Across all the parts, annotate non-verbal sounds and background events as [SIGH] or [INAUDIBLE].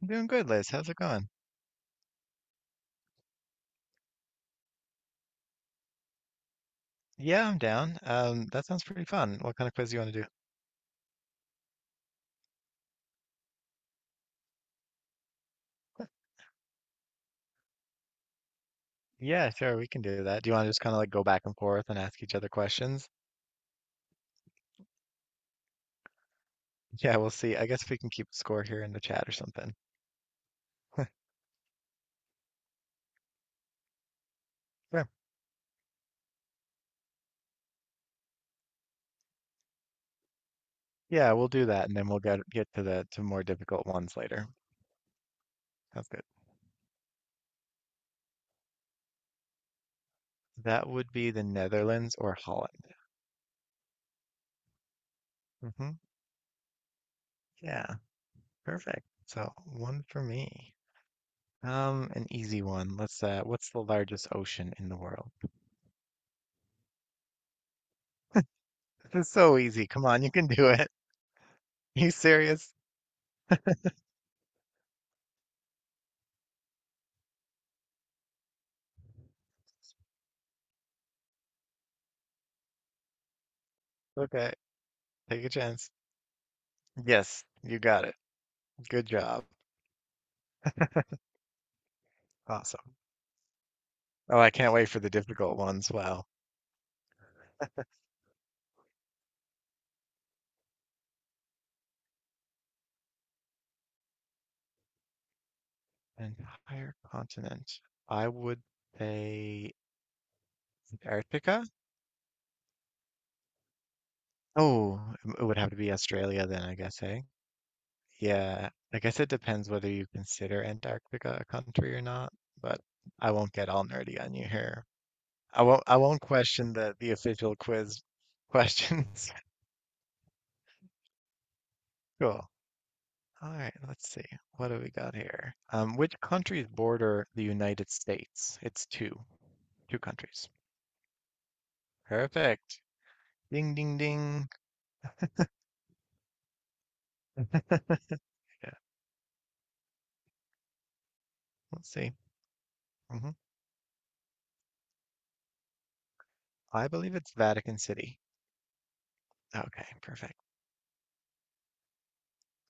I'm doing good, Liz. How's it going? Yeah, I'm down. That sounds pretty fun. What kind of quiz do you want to do? Yeah, sure, we can do that. Do you want to just kind of like go back and forth and ask each other questions? Yeah, we'll see. I guess we can keep score here in the chat or something. [LAUGHS] Sure. Yeah, we'll do that, and then we'll get to the to more difficult ones later. Sounds good. That would be the Netherlands or Holland. Hmm Yeah, perfect. So one for me. An easy one. Let's What's the largest ocean in the world? This is so easy. Come on, you can do it. [LAUGHS] Are you serious? Okay, take a chance. Yes, you got it. Good job. Awesome. Oh, I can't wait for the difficult ones. Wow. An entire continent. I would say Antarctica. Oh, it would have to be Australia then, I guess, eh? Yeah, I guess it depends whether you consider Antarctica a country or not, but I won't get all nerdy on you here. I won't question the official quiz questions. [LAUGHS] Cool. All right, let's see. What do we got here? Which countries border the United States? It's two countries. Perfect. Ding, ding, ding. Yeah, let's see. Hmm I believe it's Vatican City. Okay, perfect.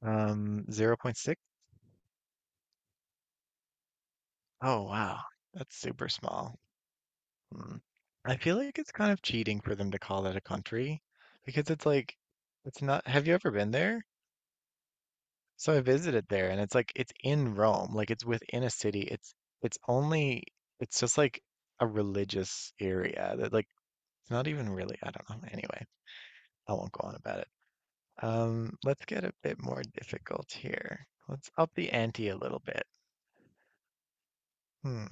Zero point 0.6. Oh, wow. That's super small. Hmm. I feel like it's kind of cheating for them to call that a country because it's like, it's not. Have you ever been there? So I visited there and it's like it's in Rome, like it's within a city. It's only, it's just like a religious area that like it's not even really, I don't know. Anyway, I won't go on about it. Let's get a bit more difficult here. Let's up the ante a little bit. Hmm.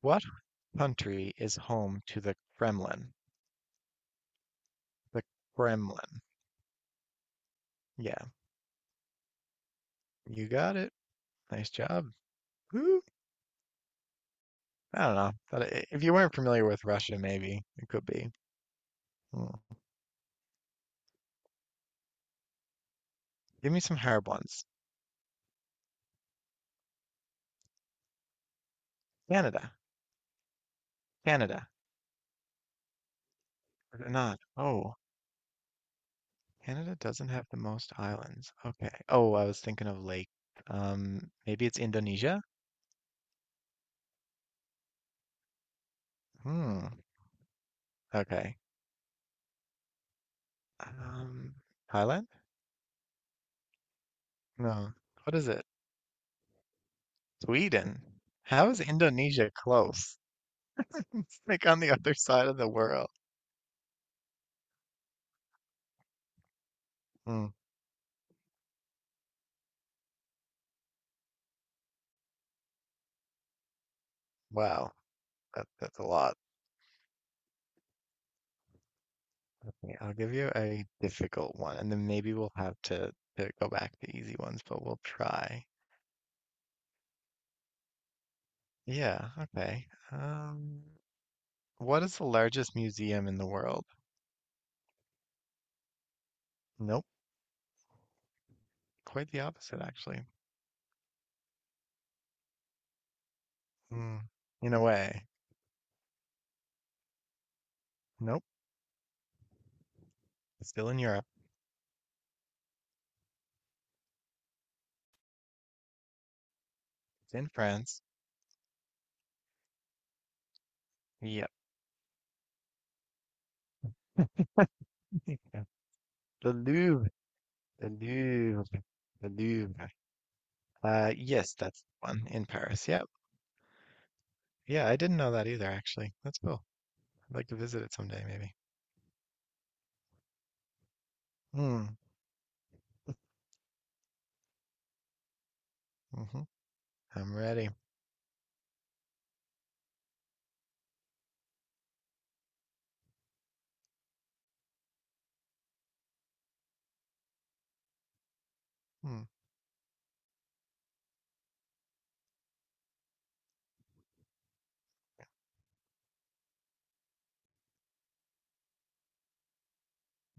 What country is home to the Kremlin? The Kremlin. Yeah, you got it. Nice job. Woo. I don't know. If you weren't familiar with Russia, maybe it could be. Hmm. Give me some hard ones. Canada, Canada, or not. Oh, Canada doesn't have the most islands. Okay. Oh, I was thinking of lake. Maybe it's Indonesia? Hmm. Okay. Um, Thailand? No. What is it? Sweden. How is Indonesia close? [LAUGHS] It's like on the other side of the world. Hmm. Wow. That's a lot. Okay, I'll give you a difficult one, and then maybe to go back to easy ones, but we'll try. Yeah, okay. Um, what is the largest museum in the world? Nope, quite the opposite, actually. Hmm, in a way. Nope, it's still in Europe. It's in France. Yep. [LAUGHS] The Louvre. The Louvre. The Louvre. Yes, that's the one in Paris. Yep. Yeah, I didn't know that either, actually. That's cool. I'd like to visit it someday, maybe. Hmm. Mm-hmm. I'm ready. Hmm.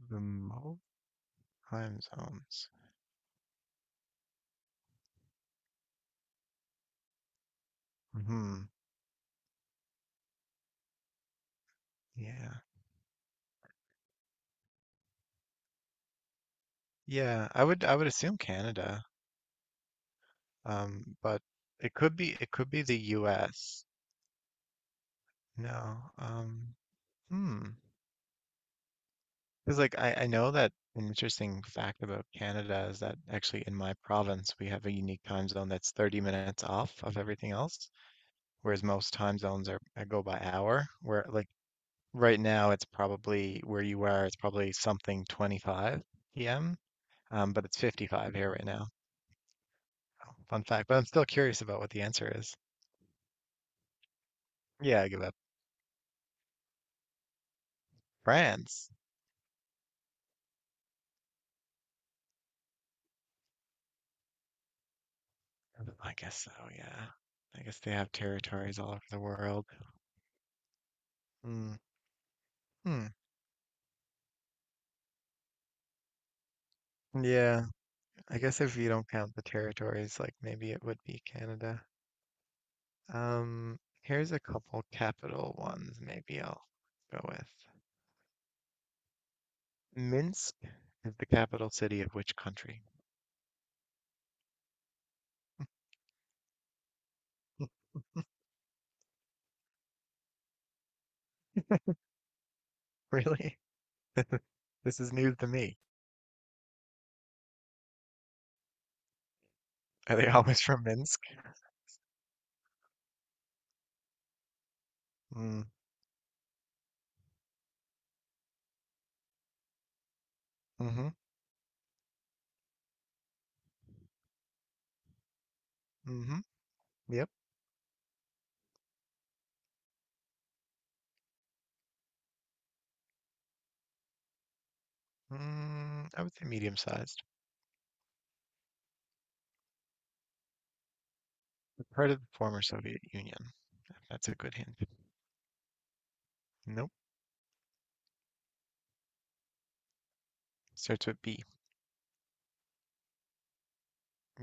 The most time zones. Hmm. Yeah. I would assume Canada. But it could be the US. No. Hmm. Because like I know that an interesting fact about Canada is that actually in my province we have a unique time zone that's 30 minutes off of everything else, whereas most time zones are go by hour, where like right now it's probably where you are, it's probably something 25 p.m. But it's 55 here right now. Fun fact, but I'm still curious about what the answer is. Yeah, I give up. France. I guess so, yeah. I guess they have territories all over the world. Mm. Hmm. Yeah, I guess if you don't count the territories, like maybe it would be Canada. Here's a couple capital ones maybe I'll go with. Minsk is the capital city of which country? [LAUGHS] Really? This is news to me. Are they always from Minsk? Mm. Mm-hmm. Mm-hmm. Yep. Mm, I would say medium-sized. Part of the former Soviet Union. That's a good hint. Nope. Starts with B.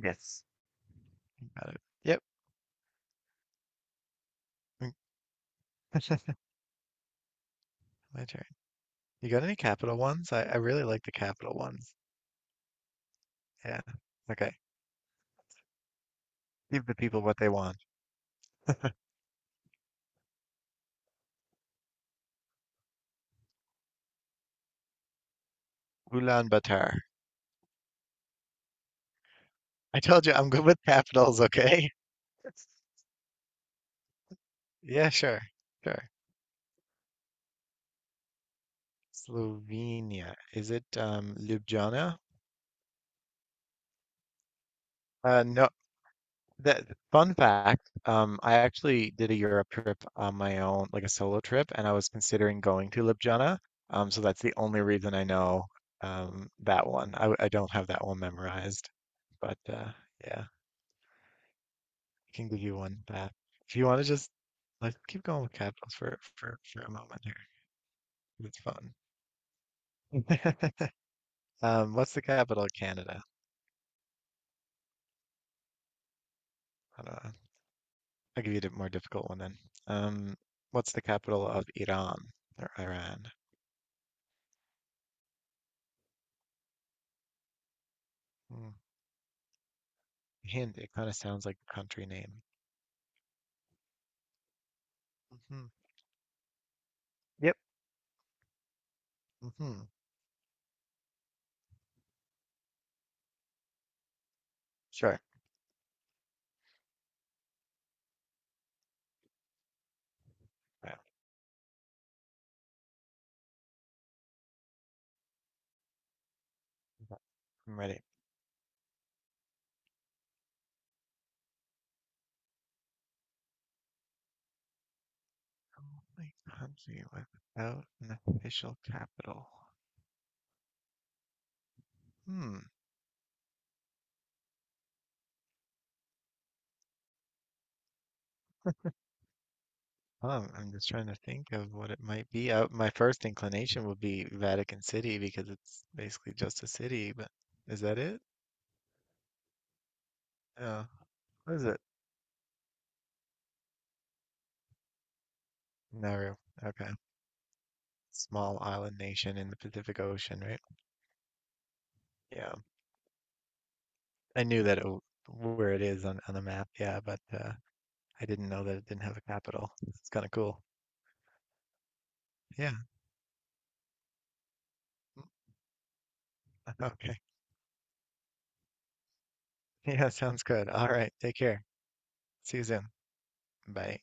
Yes. Got it. Yep. [LAUGHS] My turn. You got any capital ones? I really like the capital ones. Yeah. Okay. Give the people what they want. Ulaanbaatar. I told you I'm good with capitals, okay? [LAUGHS] Yeah, sure. Sure. Slovenia. Is it Ljubljana? No, That Fun fact, I actually did a Europe trip on my own, like a solo trip, and I was considering going to Ljubljana. So that's the only reason I know that one. I don't have that one memorized, but yeah, I can give you one back. If you want to just Let's keep going with capitals for a moment here. It's fun. [LAUGHS] What's the capital of Canada? I don't know. I'll give you a more difficult one then. Um, what's the capital of Iran? Hmm. Hint, it kind of sounds like a country name. Hmm Yep. hmm Sure. Right, I'm ready. Only country without an official capital. Hmm. I'm just trying to think of what it might be. My first inclination would be Vatican City because it's basically just a city, but is that it? Uh, what is it? Nauru. Okay. Small island nation in the Pacific Ocean, right? Yeah. I knew that it, w- Where it is on the map, yeah, but I didn't know that it didn't have a capital. It's kind of cool. Yeah. [LAUGHS] Okay. Yeah, sounds good. All right. Take care. See you soon. Bye.